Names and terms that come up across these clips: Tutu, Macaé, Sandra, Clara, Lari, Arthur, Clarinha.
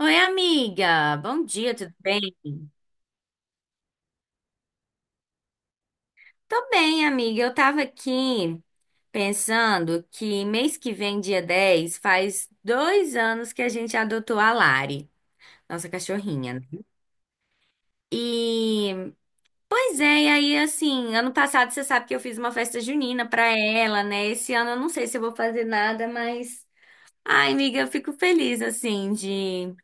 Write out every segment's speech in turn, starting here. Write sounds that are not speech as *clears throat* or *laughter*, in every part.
Oi, amiga. Bom dia, tudo bem? Tô bem, amiga. Eu tava aqui pensando que mês que vem, dia 10 faz 2 anos que a gente adotou a Lari, nossa cachorrinha, né? E, pois é, e aí, assim, ano passado você sabe que eu fiz uma festa junina pra ela, né? Esse ano eu não sei se eu vou fazer nada, mas. Ai, amiga, eu fico feliz, assim, de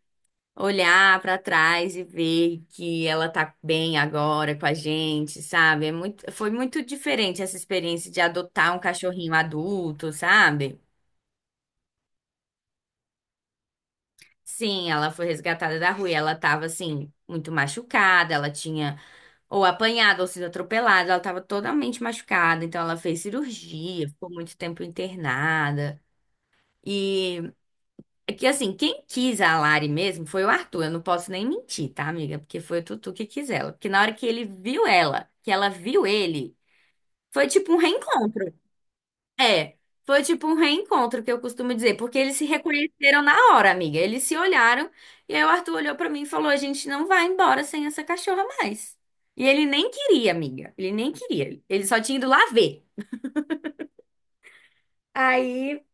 olhar pra trás e ver que ela tá bem agora com a gente, sabe? Foi muito diferente essa experiência de adotar um cachorrinho adulto, sabe? Sim, ela foi resgatada da rua e ela tava assim, muito machucada, ela tinha ou apanhado ou sido atropelada, ela tava totalmente machucada, então ela fez cirurgia, ficou muito tempo internada. E É que assim, quem quis a Lari mesmo foi o Arthur. Eu não posso nem mentir, tá, amiga? Porque foi o Tutu que quis ela. Porque na hora que ele viu ela, que ela viu ele, foi tipo um reencontro. É, foi tipo um reencontro que eu costumo dizer, porque eles se reconheceram na hora, amiga. Eles se olharam e aí o Arthur olhou pra mim e falou: "A gente não vai embora sem essa cachorra mais". E ele nem queria, amiga. Ele nem queria. Ele só tinha ido lá ver. Aí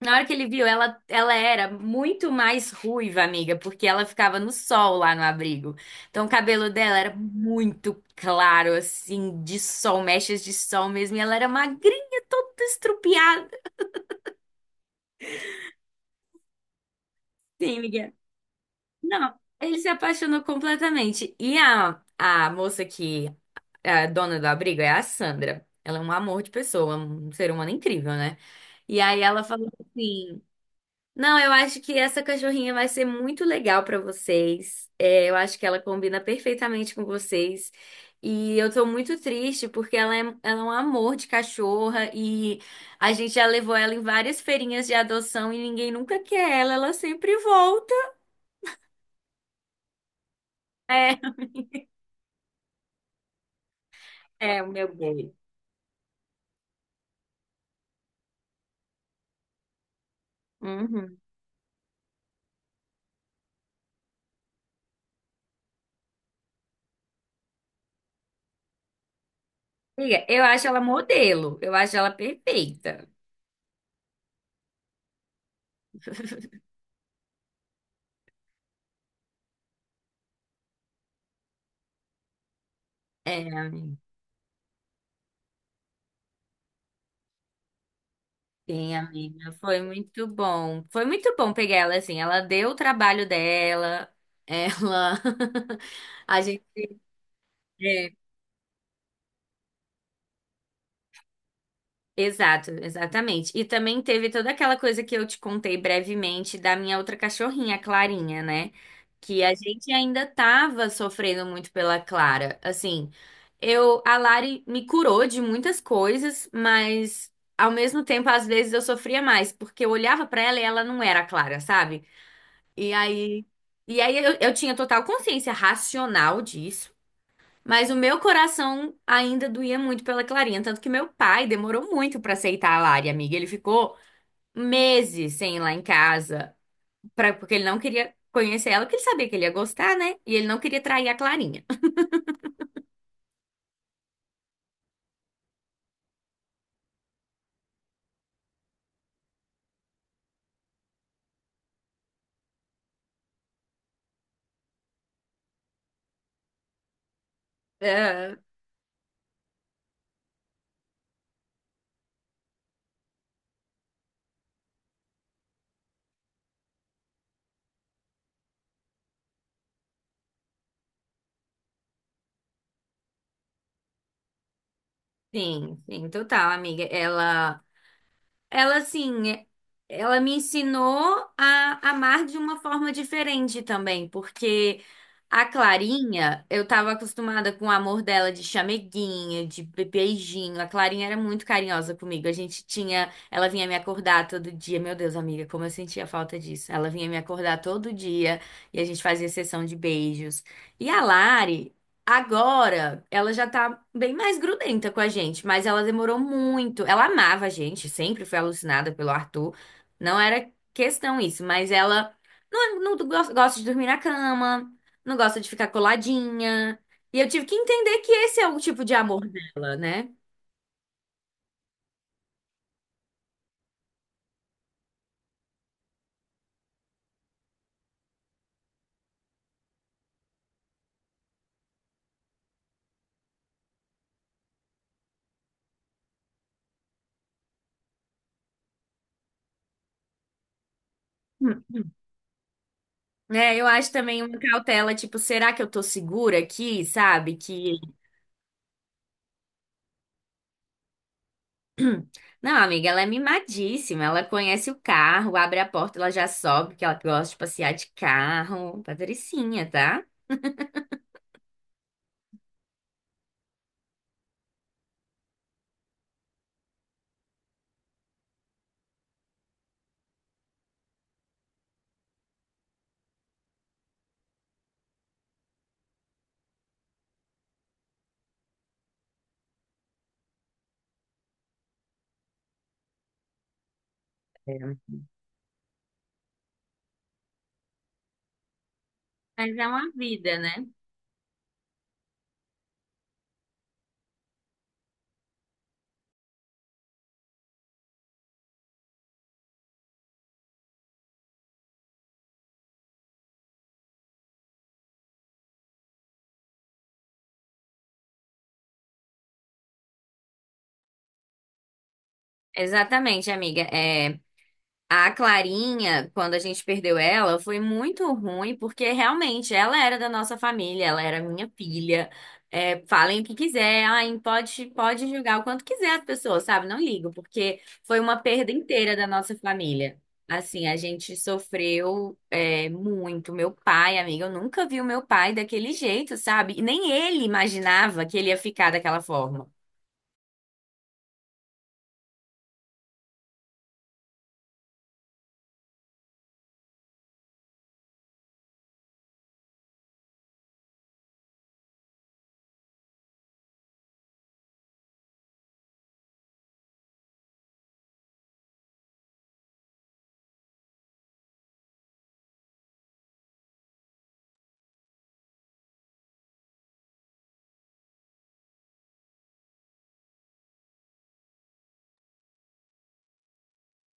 Na hora que ele viu, ela era muito mais ruiva, amiga, porque ela ficava no sol lá no abrigo. Então o cabelo dela era muito claro, assim, de sol, mechas de sol mesmo. E ela era magrinha, toda estrupiada. Sim, amiga. Não, ele se apaixonou completamente. E a moça que é a dona do abrigo é a Sandra. Ela é um amor de pessoa, um ser humano incrível, né? E aí ela falou assim. Não, eu acho que essa cachorrinha vai ser muito legal pra vocês. É, eu acho que ela combina perfeitamente com vocês. E eu tô muito triste porque ela é um amor de cachorra e a gente já levou ela em várias feirinhas de adoção e ninguém nunca quer ela, ela sempre volta. *laughs* É, é o meu bem. Uhum. Amiga, eu acho ela modelo, eu acho ela perfeita. É. Sim, amiga, foi muito bom. Foi muito bom pegar ela assim. Ela deu o trabalho dela, ela. *laughs* A gente. É, exato, exatamente. E também teve toda aquela coisa que eu te contei brevemente da minha outra cachorrinha, a Clarinha, né? Que a gente ainda tava sofrendo muito pela Clara. Assim, eu, a Lari me curou de muitas coisas, mas ao mesmo tempo, às vezes eu sofria mais, porque eu olhava pra ela e ela não era a Clara, sabe? E aí, e aí, eu tinha total consciência racional disso, mas o meu coração ainda doía muito pela Clarinha, tanto que meu pai demorou muito pra aceitar a Lari, amiga. Ele ficou meses sem ir lá em casa, pra, porque ele não queria conhecer ela, porque ele sabia que ele ia gostar, né? E ele não queria trair a Clarinha. Ah, sim, sim, total, amiga. Ela, assim, ela me ensinou a amar de uma forma diferente também, porque a Clarinha, eu tava acostumada com o amor dela de chameguinha, de beijinho. A Clarinha era muito carinhosa comigo. A gente tinha, ela vinha me acordar todo dia. Meu Deus, amiga, como eu sentia falta disso. Ela vinha me acordar todo dia e a gente fazia sessão de beijos. E a Lari agora, ela já tá bem mais grudenta com a gente, mas ela demorou muito. Ela amava a gente, sempre foi alucinada pelo Arthur. Não era questão isso, mas ela não gosta de dormir na cama, não gosta de ficar coladinha. E eu tive que entender que esse é o tipo de amor dela, né? Hum. É, eu acho também uma cautela, tipo, será que eu tô segura aqui, sabe? Que Não, amiga, ela é mimadíssima. Ela conhece o carro, abre a porta, ela já sobe, que ela gosta de passear de carro. Patricinha, tá? É. Mas é uma vida, né? Exatamente, amiga. É, a Clarinha, quando a gente perdeu ela, foi muito ruim, porque realmente ela era da nossa família, ela era minha filha. É, falem o que quiser, ai, pode julgar o quanto quiser as pessoas, sabe? Não ligo, porque foi uma perda inteira da nossa família. Assim, a gente sofreu, é, muito. Meu pai, amiga, eu nunca vi o meu pai daquele jeito, sabe? E nem ele imaginava que ele ia ficar daquela forma.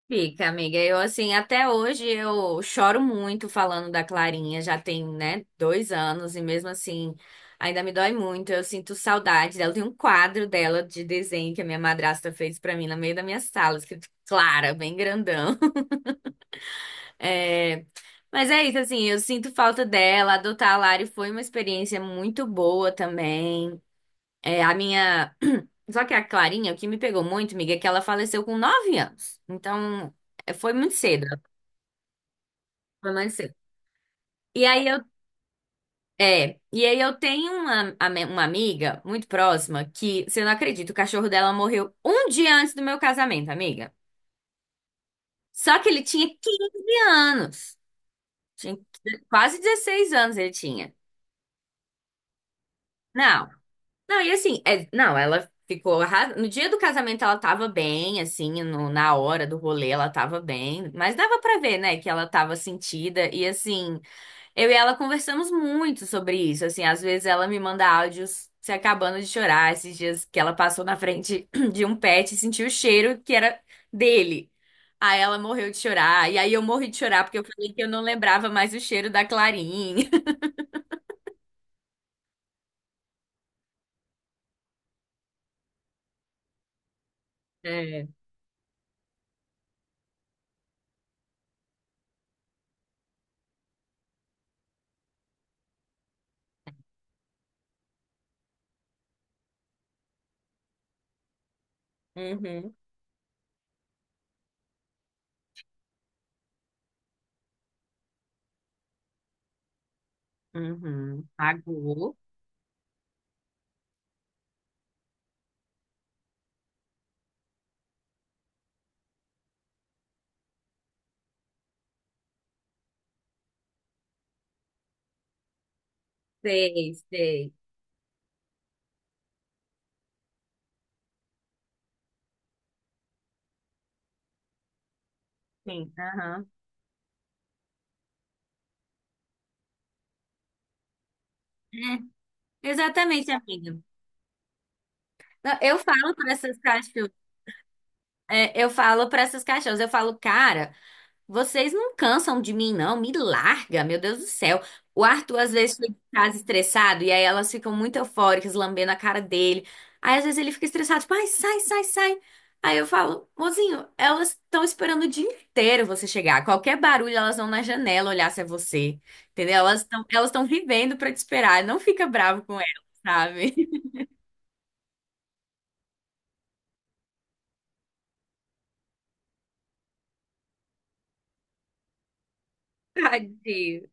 Fica, amiga. Eu, assim, até hoje eu choro muito falando da Clarinha. Já tem, né, 2 anos e mesmo assim ainda me dói muito. Eu sinto saudade dela. Tem um quadro dela de desenho que a minha madrasta fez pra mim no meio da minha sala, escrito Clara, bem grandão. *laughs* É, mas é isso, assim, eu sinto falta dela. Adotar a Lari foi uma experiência muito boa também. É, a minha. *clears throat* Só que a Clarinha, o que me pegou muito, amiga, é que ela faleceu com 9 anos. Então, é, foi muito cedo. Romancei. E aí eu, e aí eu tenho uma, uma amiga muito próxima que, você não acredita, o cachorro dela morreu um dia antes do meu casamento, amiga. Só que ele tinha 15 anos. Tinha quase 16 anos ele tinha. Não. Não, e assim, não, ela ficou arras... No dia do casamento ela tava bem, assim, na hora do rolê ela tava bem, mas dava pra ver, né, que ela tava sentida e assim, eu e ela conversamos muito sobre isso, assim, às vezes ela me manda áudios se acabando de chorar, esses dias que ela passou na frente *clears throat* de um pet e sentiu o cheiro que era dele. Aí ela morreu de chorar, e aí eu morri de chorar porque eu falei que eu não lembrava mais o cheiro da Clarinha. *laughs* É. Uhum. Uhum. Pagou. Sei, sei. Sim. Aham. É, exatamente, amiga. Não, eu falo para essas cachorras, eu falo, cara, vocês não cansam de mim, não. Me larga, meu Deus do céu. O Arthur às vezes fica em casa estressado e aí elas ficam muito eufóricas, lambendo a cara dele. Aí às vezes ele fica estressado, tipo, ai, sai, sai, sai. Aí eu falo, mozinho, elas estão esperando o dia inteiro você chegar. Qualquer barulho, elas vão na janela olhar se é você. Entendeu? Elas estão vivendo pra te esperar. Não fica bravo com elas, sabe? *laughs* Tadinho.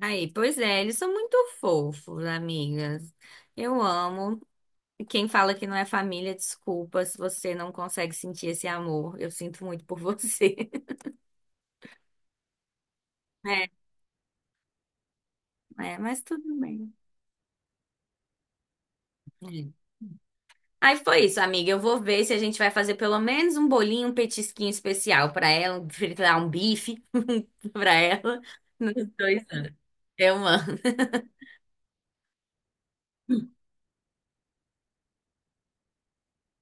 Aí, pois é, eles são muito fofos, amigas. Eu amo. Quem fala que não é família, desculpa se você não consegue sentir esse amor. Eu sinto muito por você. *laughs* É, é, mas tudo bem. É. Aí foi isso, amiga. Eu vou ver se a gente vai fazer pelo menos um bolinho, um petisquinho especial pra ela, um fritar um bife *laughs* pra ela nos 2 anos. Eu amo.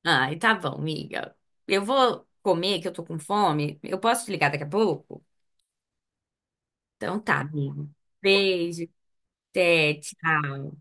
Ai, tá bom, amiga. Eu vou comer, que eu tô com fome. Eu posso te ligar daqui a pouco? Então tá, amiga. Beijo, até, tchau.